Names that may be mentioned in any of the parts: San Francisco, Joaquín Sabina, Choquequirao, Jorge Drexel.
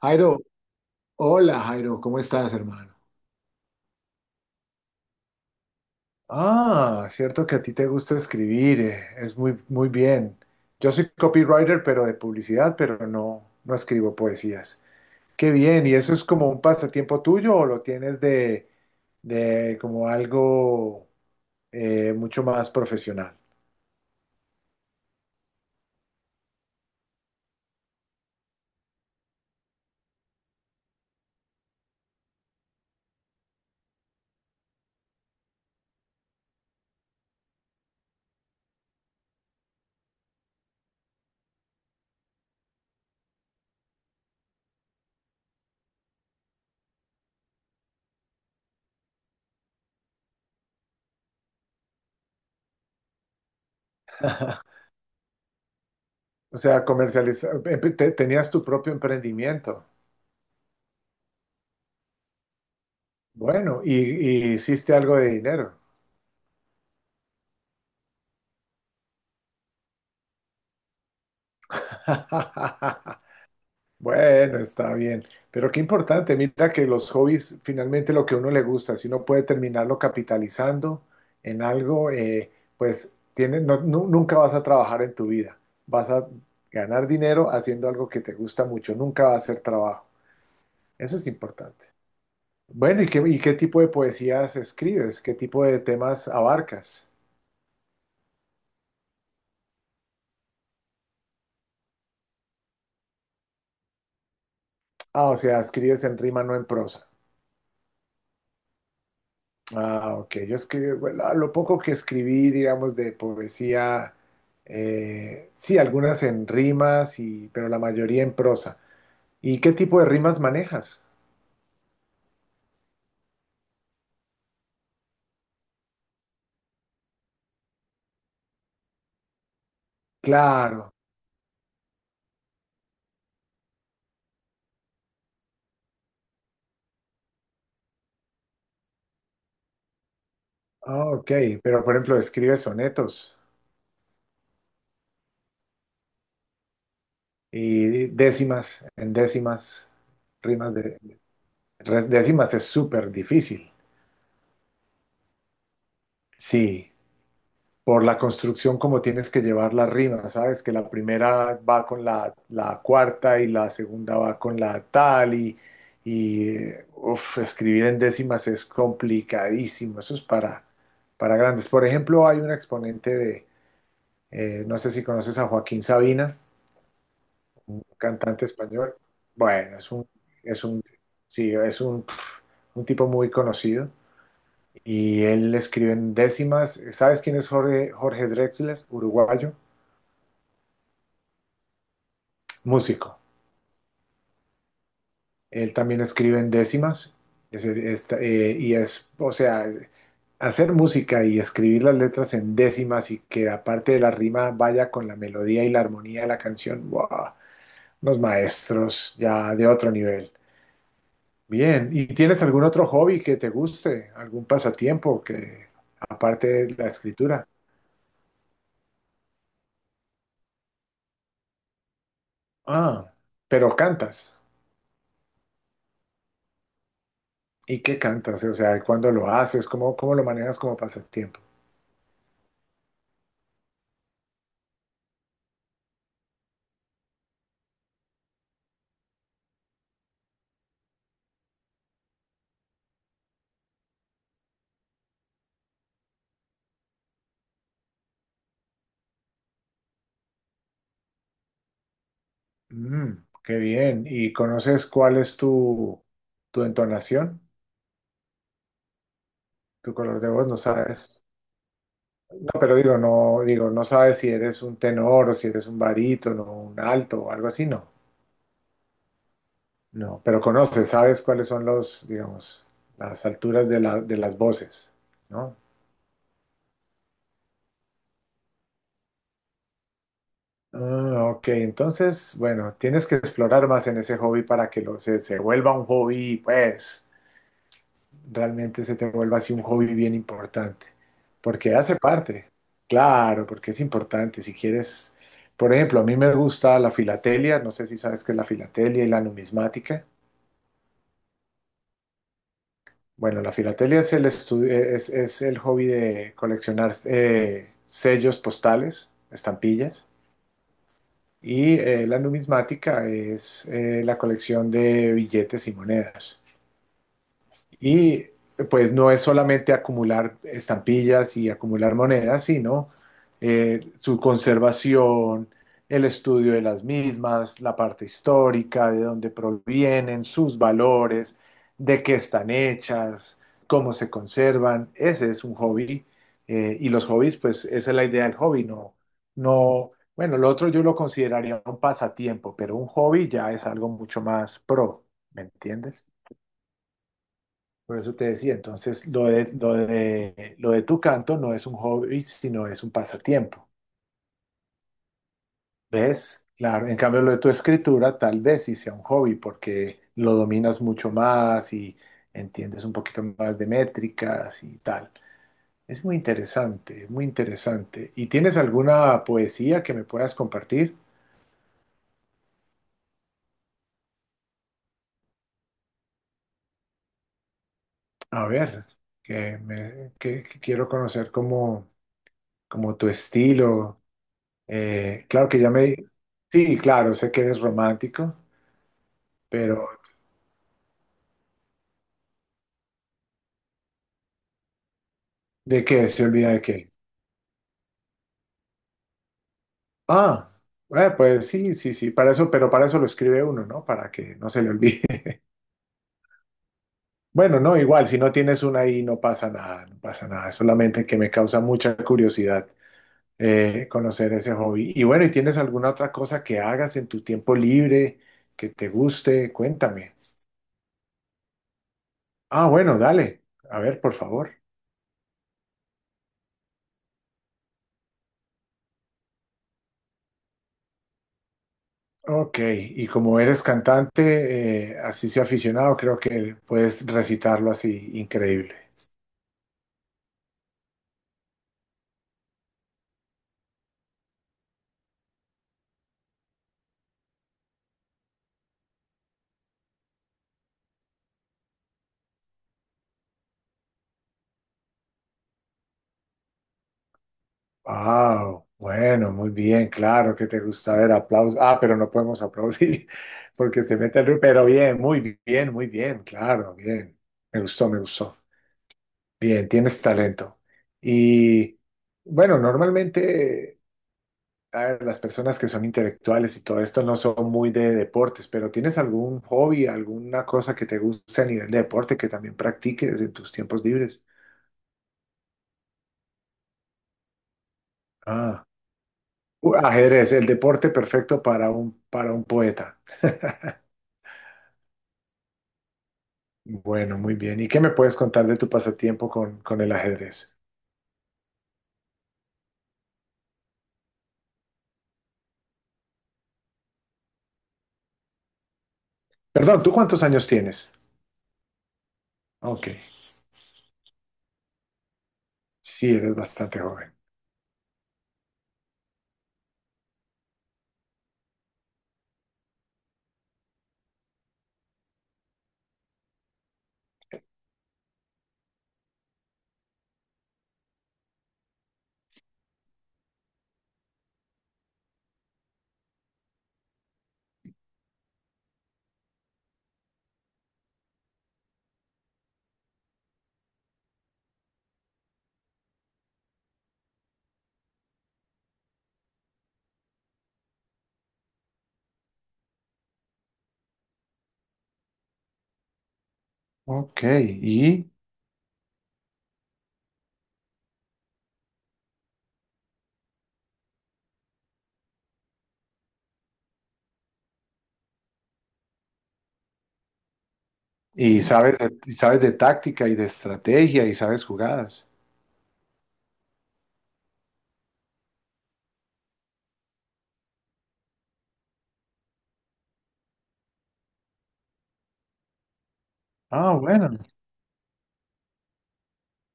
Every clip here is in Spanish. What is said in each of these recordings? Jairo, hola Jairo, ¿cómo estás, hermano? Ah, cierto que a ti te gusta escribir, es muy bien. Yo soy copywriter, pero de publicidad, pero no escribo poesías. Qué bien, ¿y eso es como un pasatiempo tuyo o lo tienes de como algo, mucho más profesional? O sea, comercializar, tenías tu propio emprendimiento. Bueno, y hiciste algo de dinero. Bueno, está bien, pero qué importante, mira que los hobbies, finalmente lo que a uno le gusta, si uno puede terminarlo capitalizando en algo, pues tiene, nunca vas a trabajar en tu vida, vas a ganar dinero haciendo algo que te gusta mucho, nunca va a ser trabajo, eso es importante. Bueno, y qué tipo de poesías escribes? ¿Qué tipo de temas abarcas? Ah, o sea, escribes en rima, no en prosa. Ah, ok. Yo escribí, bueno, lo poco que escribí, digamos, de poesía, sí, algunas en rimas, y, pero la mayoría en prosa. ¿Y qué tipo de rimas manejas? Claro. Ah, ok. Pero, por ejemplo, ¿escribes sonetos y décimas, en décimas, rimas de... Décimas es súper difícil. Sí. Por la construcción como tienes que llevar la rima, ¿sabes? Que la primera va con la, la cuarta y la segunda va con la tal y uf, escribir en décimas es complicadísimo, eso es para grandes. Por ejemplo, hay un exponente de, no sé si conoces a Joaquín Sabina, un cantante español. Bueno, es un, sí, es un, pf, un tipo muy conocido. Y él escribe en décimas. ¿Sabes quién es Jorge, Jorge Drexler, uruguayo? Músico. Él también escribe en décimas y es, o sea, hacer música y escribir las letras en décimas y que aparte de la rima vaya con la melodía y la armonía de la canción, wow, unos maestros ya de otro nivel. Bien, ¿y tienes algún otro hobby que te guste? ¿Algún pasatiempo que aparte de la escritura? Ah, pero cantas. ¿Y qué cantas? O sea, ¿cuándo lo haces? ¿Cómo lo manejas como pasatiempo? Mm, qué bien. ¿Y conoces cuál es tu, tu entonación? Tu color de voz, no sabes. No, pero digo, no sabes si eres un tenor o si eres un barítono, un alto o algo así, no. No, pero conoces, sabes cuáles son los, digamos, las alturas de de las voces, ¿no? Ah, ok, entonces, bueno, tienes que explorar más en ese hobby para que lo, se vuelva un hobby, pues, realmente se te vuelva así un hobby bien importante, porque hace parte, claro, porque es importante. Si quieres, por ejemplo, a mí me gusta la filatelia, no sé si sabes qué es la filatelia y la numismática. Bueno, la filatelia es el, es el hobby de coleccionar sellos postales, estampillas, y la numismática es la colección de billetes y monedas. Y pues no es solamente acumular estampillas y acumular monedas, sino su conservación, el estudio de las mismas, la parte histórica, de dónde provienen, sus valores, de qué están hechas, cómo se conservan. Ese es un hobby. Y los hobbies, pues esa es la idea del hobby, no, no, bueno, lo otro yo lo consideraría un pasatiempo, pero un hobby ya es algo mucho más pro, ¿me entiendes? Por eso te decía, entonces lo de tu canto no es un hobby, sino es un pasatiempo. ¿Ves? Claro, en cambio lo de tu escritura tal vez sí sea un hobby porque lo dominas mucho más y entiendes un poquito más de métricas y tal. Es muy interesante. ¿Y tienes alguna poesía que me puedas compartir? A ver, que, me, que quiero conocer como, como tu estilo. Claro que ya me... Sí, claro, sé que eres romántico, pero ¿de qué? ¿Se olvida de qué? Ah, pues sí, sí, sí, para eso, pero para eso lo escribe uno, ¿no? Para que no se le olvide. Bueno, no, igual, si no tienes una ahí no pasa nada, no pasa nada, es solamente que me causa mucha curiosidad conocer ese hobby. Y bueno, ¿y tienes alguna otra cosa que hagas en tu tiempo libre que te guste? Cuéntame. Ah, bueno, dale, a ver, por favor. Ok, y como eres cantante, así sea aficionado, creo que puedes recitarlo así, increíble. Wow, bueno, muy bien, claro que te gusta ver aplausos. Ah, pero no podemos aplaudir porque te mete el ruido, pero bien, muy bien, muy bien, claro, bien. Me gustó, me gustó. Bien, tienes talento. Y bueno, normalmente. A ver, las personas que son intelectuales y todo esto no son muy de deportes, pero ¿tienes algún hobby, alguna cosa que te guste a nivel de deporte que también practiques en tus tiempos libres? Ah, ajedrez, el deporte perfecto para un poeta. Bueno, muy bien. ¿Y qué me puedes contar de tu pasatiempo con el ajedrez? Perdón, ¿tú cuántos años tienes? Ok, sí, eres bastante joven. Ok, y sabes, y sabes de táctica y de estrategia y sabes jugadas. Ah, bueno.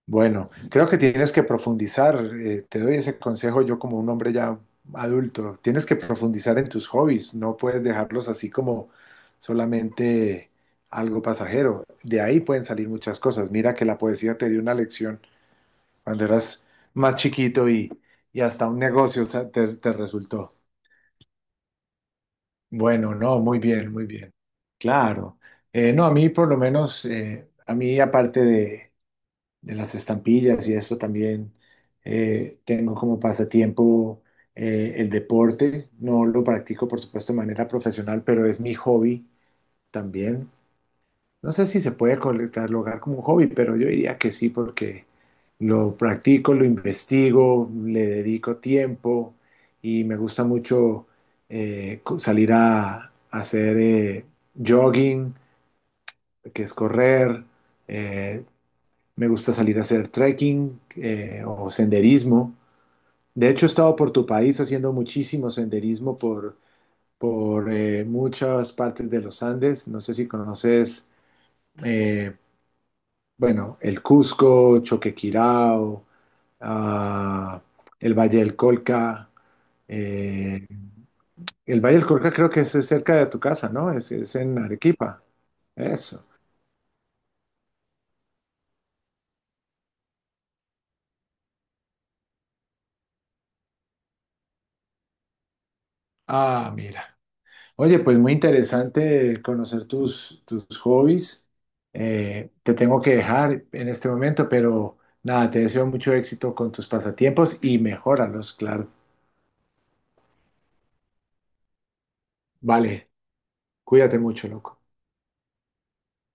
Bueno, creo que tienes que profundizar, te doy ese consejo yo como un hombre ya adulto, tienes que profundizar en tus hobbies, no puedes dejarlos así como solamente algo pasajero, de ahí pueden salir muchas cosas, mira que la poesía te dio una lección cuando eras más chiquito y hasta un negocio, o sea, te resultó. Bueno, no, muy bien, claro. No, a mí por lo menos, a mí aparte de las estampillas y eso también, tengo como pasatiempo el deporte. No lo practico, por supuesto, de manera profesional, pero es mi hobby también. No sé si se puede catalogar como un hobby, pero yo diría que sí, porque lo practico, lo investigo, le dedico tiempo y me gusta mucho salir a hacer jogging, que es correr. eh, me gusta salir a hacer trekking o senderismo. De hecho, he estado por tu país haciendo muchísimo senderismo por muchas partes de los Andes. No sé si conoces, eh, bueno, el Cusco, Choquequirao, ah, el Valle del Colca. eh, el Valle del Colca creo que es cerca de tu casa, ¿no? Es en Arequipa. Eso. Ah, mira. Oye, pues muy interesante conocer tus, tus hobbies. Te tengo que dejar en este momento, pero nada, te deseo mucho éxito con tus pasatiempos y mejóralos, claro. Vale, cuídate mucho, loco.